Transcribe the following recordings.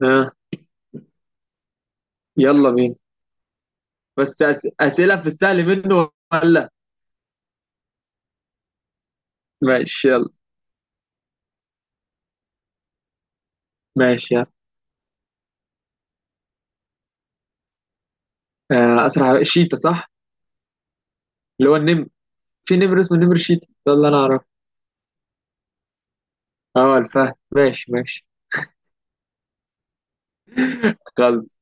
ها، يلا بينا. بس أسئلة في السهل منه ولا؟ ماشي يلا. ماشي يلا. آه، أسرع شيتا، صح؟ اللي هو النمر. في نمر اسمه نمر شيتا ده اللي أنا أعرفه. أه الفهد. ماشي ماشي. خلص.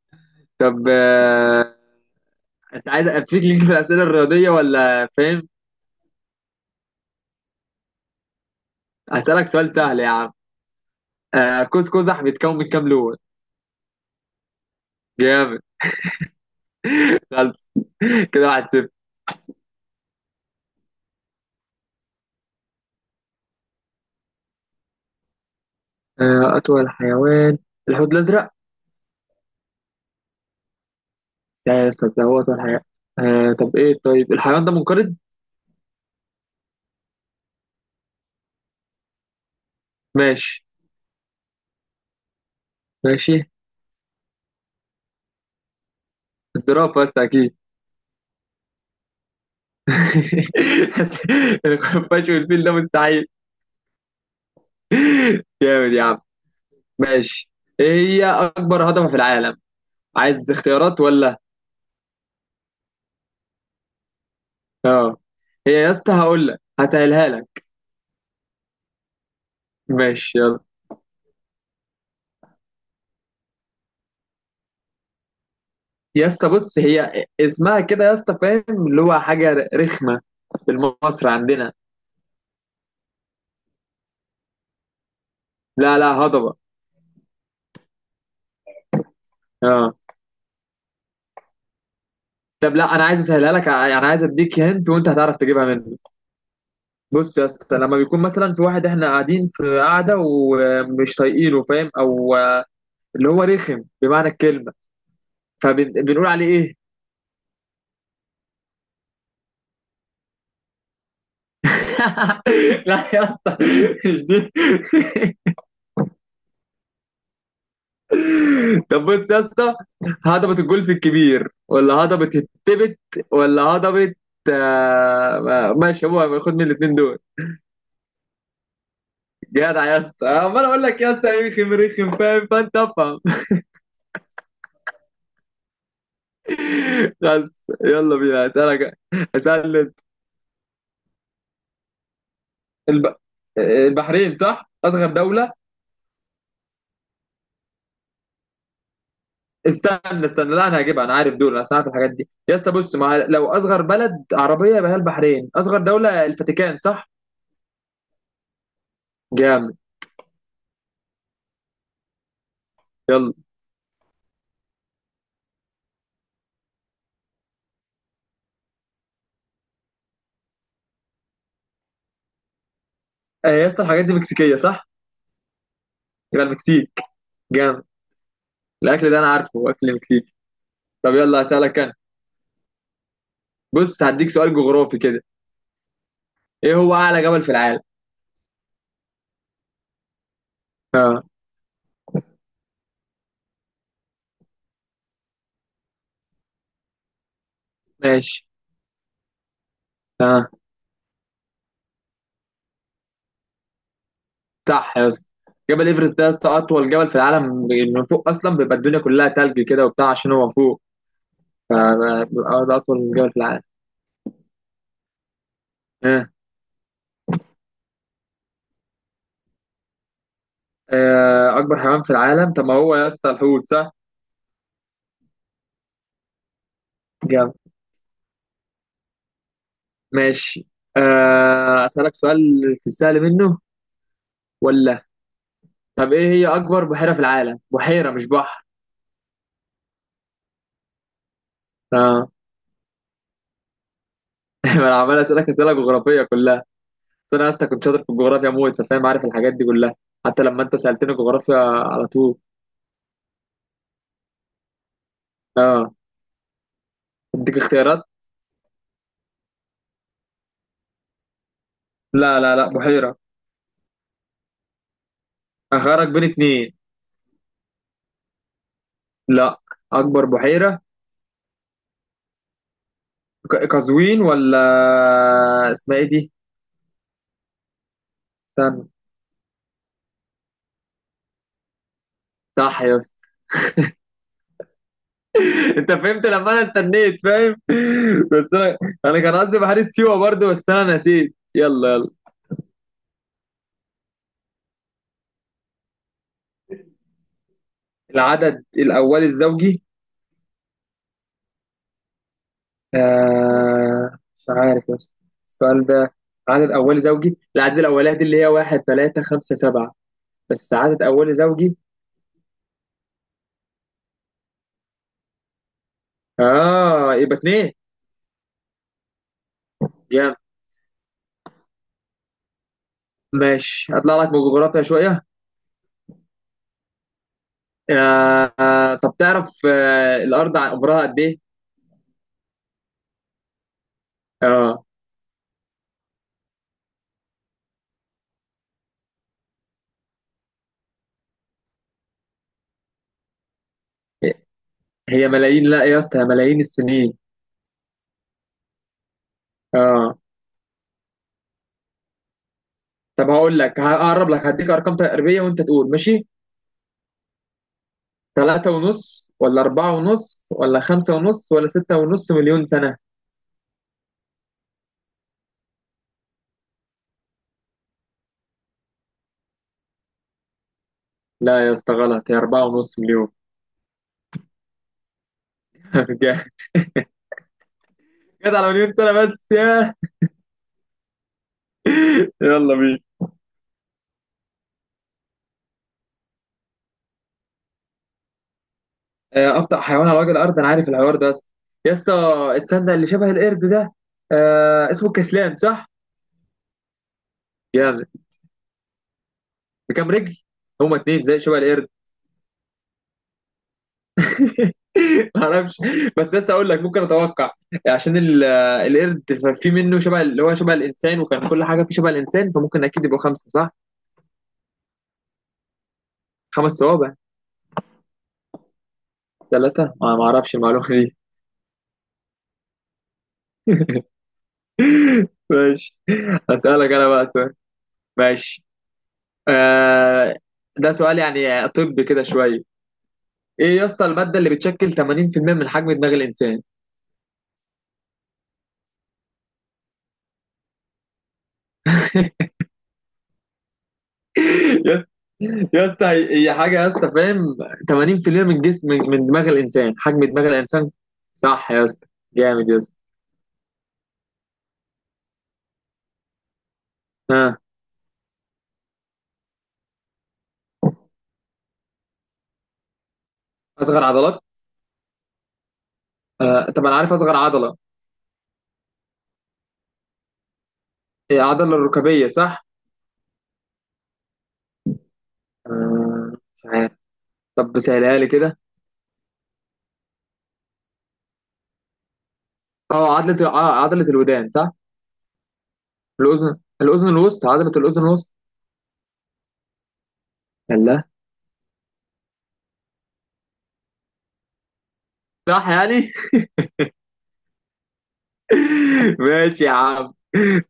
طب أنت عايز أفيك ليك في الأسئلة الرياضية ولا فاهم؟ هسألك سؤال سهل يا عم. آه، قوس قزح بيتكون من كام لون؟ جامد. خلص. كده 1-0. آه، أطول حيوان؟ الحوت الأزرق. لا يا أستاذ، ده هو أطول حيوان. طب إيه، طيب الحيوان ده منقرض؟ ماشي. ماشي. الزرافة بس أكيد. الخفاش والفيل ده مستحيل. جامد يا عم. ماشي. إيه هي أكبر هضبة في العالم؟ عايز اختيارات ولا؟ اه. هي يا اسطى هقول لك هسهلها لك. ماشي يلا. يا اسطى بص، هي اسمها كده يا اسطى، فاهم، اللي هو حاجة رخمة في مصر عندنا. لا لا هضبة. اه. طب لا، أنا عايز أسهلها لك، يعني عايز أديك هنت وأنت هتعرف تجيبها مني. بص يا اسطى، لما بيكون مثلا في واحد احنا قاعدين في قاعده ومش طايقينه، فاهم، او اللي هو رخم بمعنى الكلمه، فبنقول عليه ايه؟ لا يا اسطى، مش دي. طب بص يا اسطى، هضبة الجولف الكبير ولا هضبة التبت ولا هضبة، ماشي هو خد من الاثنين دول. جدع يا اسطى، عمال اقول لك يا اسطى رخم رخم، فاهم، فانت افهم. خلاص، يلا بينا، اسالك. اسالني. الب... البحرين صح، اصغر دوله؟ استنى استنى، لا، انا هجيبها، انا عارف دول، انا عارف الحاجات دي يا اسطى. بص، لو اصغر بلد عربيه يبقى هي البحرين، اصغر دوله الفاتيكان، صح؟ جامد. يلا. آه، يا اسطى الحاجات دي مكسيكيه، صح؟ يبقى المكسيك. جامد. الاكل ده انا عارفه اكل مكسيكي. طب يلا، هسألك انا. بص هديك سؤال جغرافي كده. ايه هو اعلى جبل في العالم؟ اه. ماشي. اه. صح يا اسطى، جبل ايفرست ده يا اسطى اطول جبل في العالم. من فوق اصلا بيبقى الدنيا كلها تلج كده وبتاع عشان هو فوق. بيبقى ده أطول جبل في العالم. ها. آه، أكبر حيوان في العالم؟ طب ما هو يا اسطى الحوت، صح؟ جامد. ماشي. آه، أسألك سؤال في السهل منه ولا؟ طب إيه هي أكبر بحيرة في العالم؟ بحيرة مش بحر. آه. ما أنا عمال أسألك أسئلة جغرافية كلها. بس أنا يا اسطى كنت شاطر في الجغرافيا موت، فاهم، عارف الحاجات دي كلها. حتى لما أنت سألتني جغرافيا على طول. آه. أديك اختيارات؟ لا لا لا، بحيرة. أخيرك بين اتنين. لا. أكبر بحيرة. قزوين ولا اسمها إيه دي؟ استنى. صح يا اسطى. انت فهمت لما انا استنيت، فاهم؟ بس انا كان قصدي بحيرة سيوة برضو، بس انا نسيت. يلا يلا. العدد الاولي الزوجي، مش عارف يا اسطى السؤال ده. عدد اولي زوجي، العدد الاولاني دي اللي هي واحد ثلاثة خمسة سبعة، بس عدد اولي زوجي. اه، يبقى اتنين. جامد. ماشي، هطلع لك بجغرافيا شوية. طب تعرف، الارض عمرها قد ايه؟ اه. هي ملايين، لا يا اسطى هي ملايين السنين. اه. طب هقول لك، هقرب لك، هديك ارقام تقريبيه وانت تقول ماشي. ثلاثة ونص ولا أربعة ونص ولا خمسة ونص ولا ستة ونص مليون سنة. لا يا اسطى غلط، هي أربعة ونص مليون. جد. جد، على مليون سنة بس يا... يلا بينا. آه، أبطأ حيوان على وجه الأرض. أنا عارف الحوار ده يا اسطى. يا اسطى السنة اللي شبه القرد ده، آه اسمه الكسلان، صح؟ جامد. بكام رجل؟ هما اتنين زي شبه القرد. ما اعرفش. بس لسه اقول لك ممكن اتوقع عشان القرد في منه شبه اللي هو شبه الانسان، وكان كل حاجه فيه شبه الانسان، فممكن اكيد يبقوا خمسه، صح؟ خمس صوابع. ثلاثه، ما ما اعرفش المعلومه دي. ماشي. اسالك انا بقى سؤال. ماشي. آه، ده سؤال يعني طب كده شويه. ايه يا اسطى الماده اللي بتشكل 80% من حجم دماغ الانسان؟ يا اسطى هي هي حاجه يا اسطى، فاهم. 80% من جسم، من دماغ الانسان، حجم دماغ الانسان. صح يا اسطى. جامد يا اسطى. ها. اصغر عضلات. آه طب انا عارف اصغر عضله، هي عضله الركبيه، صح؟ آه مش عارف. طب سهلها لي كده. اه، عضله عضله الودان، صح؟ الاذن الوسطى، عضله الاذن الوسطى. الله. صح يعني. ماشي يا عم.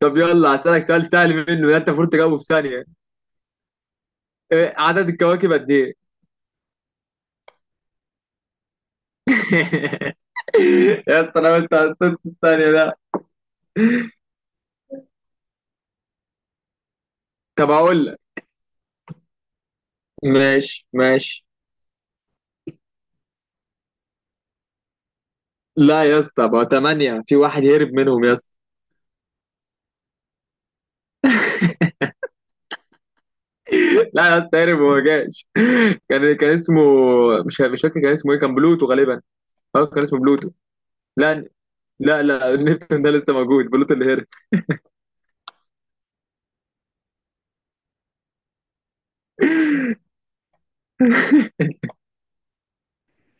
طب يلا، هسألك سؤال سهل منه ده انت المفروض تجاوبه في ثانيه. آه، عدد الكواكب قد ايه؟ يا اسطى انا، انت حطيت الثانية ده. طب اقول لك. ماشي ماشي. لا يا اسطى، بقى ثمانية، في واحد هرب منهم يا اسطى. لا يا اسطى، هرب وما جاش. كان اسمه، مش فاكر كان اسمه ايه، كان بلوتو غالبا. اه كان اسمه بلوتو. لا لا لا، نيبتون ده لسه موجود، بلوتو اللي هرب.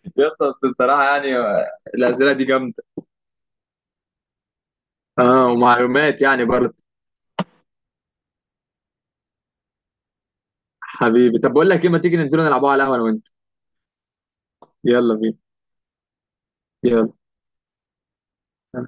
يا اسطى بس بصراحة يعني، آه، الأسئلة دي جامدة. اه، ومعلومات يعني برضه. حبيبي طب بقول لك ايه، ما تيجي ننزلوا نلعبوها على القهوة انا وانت. يلا بينا. يلا.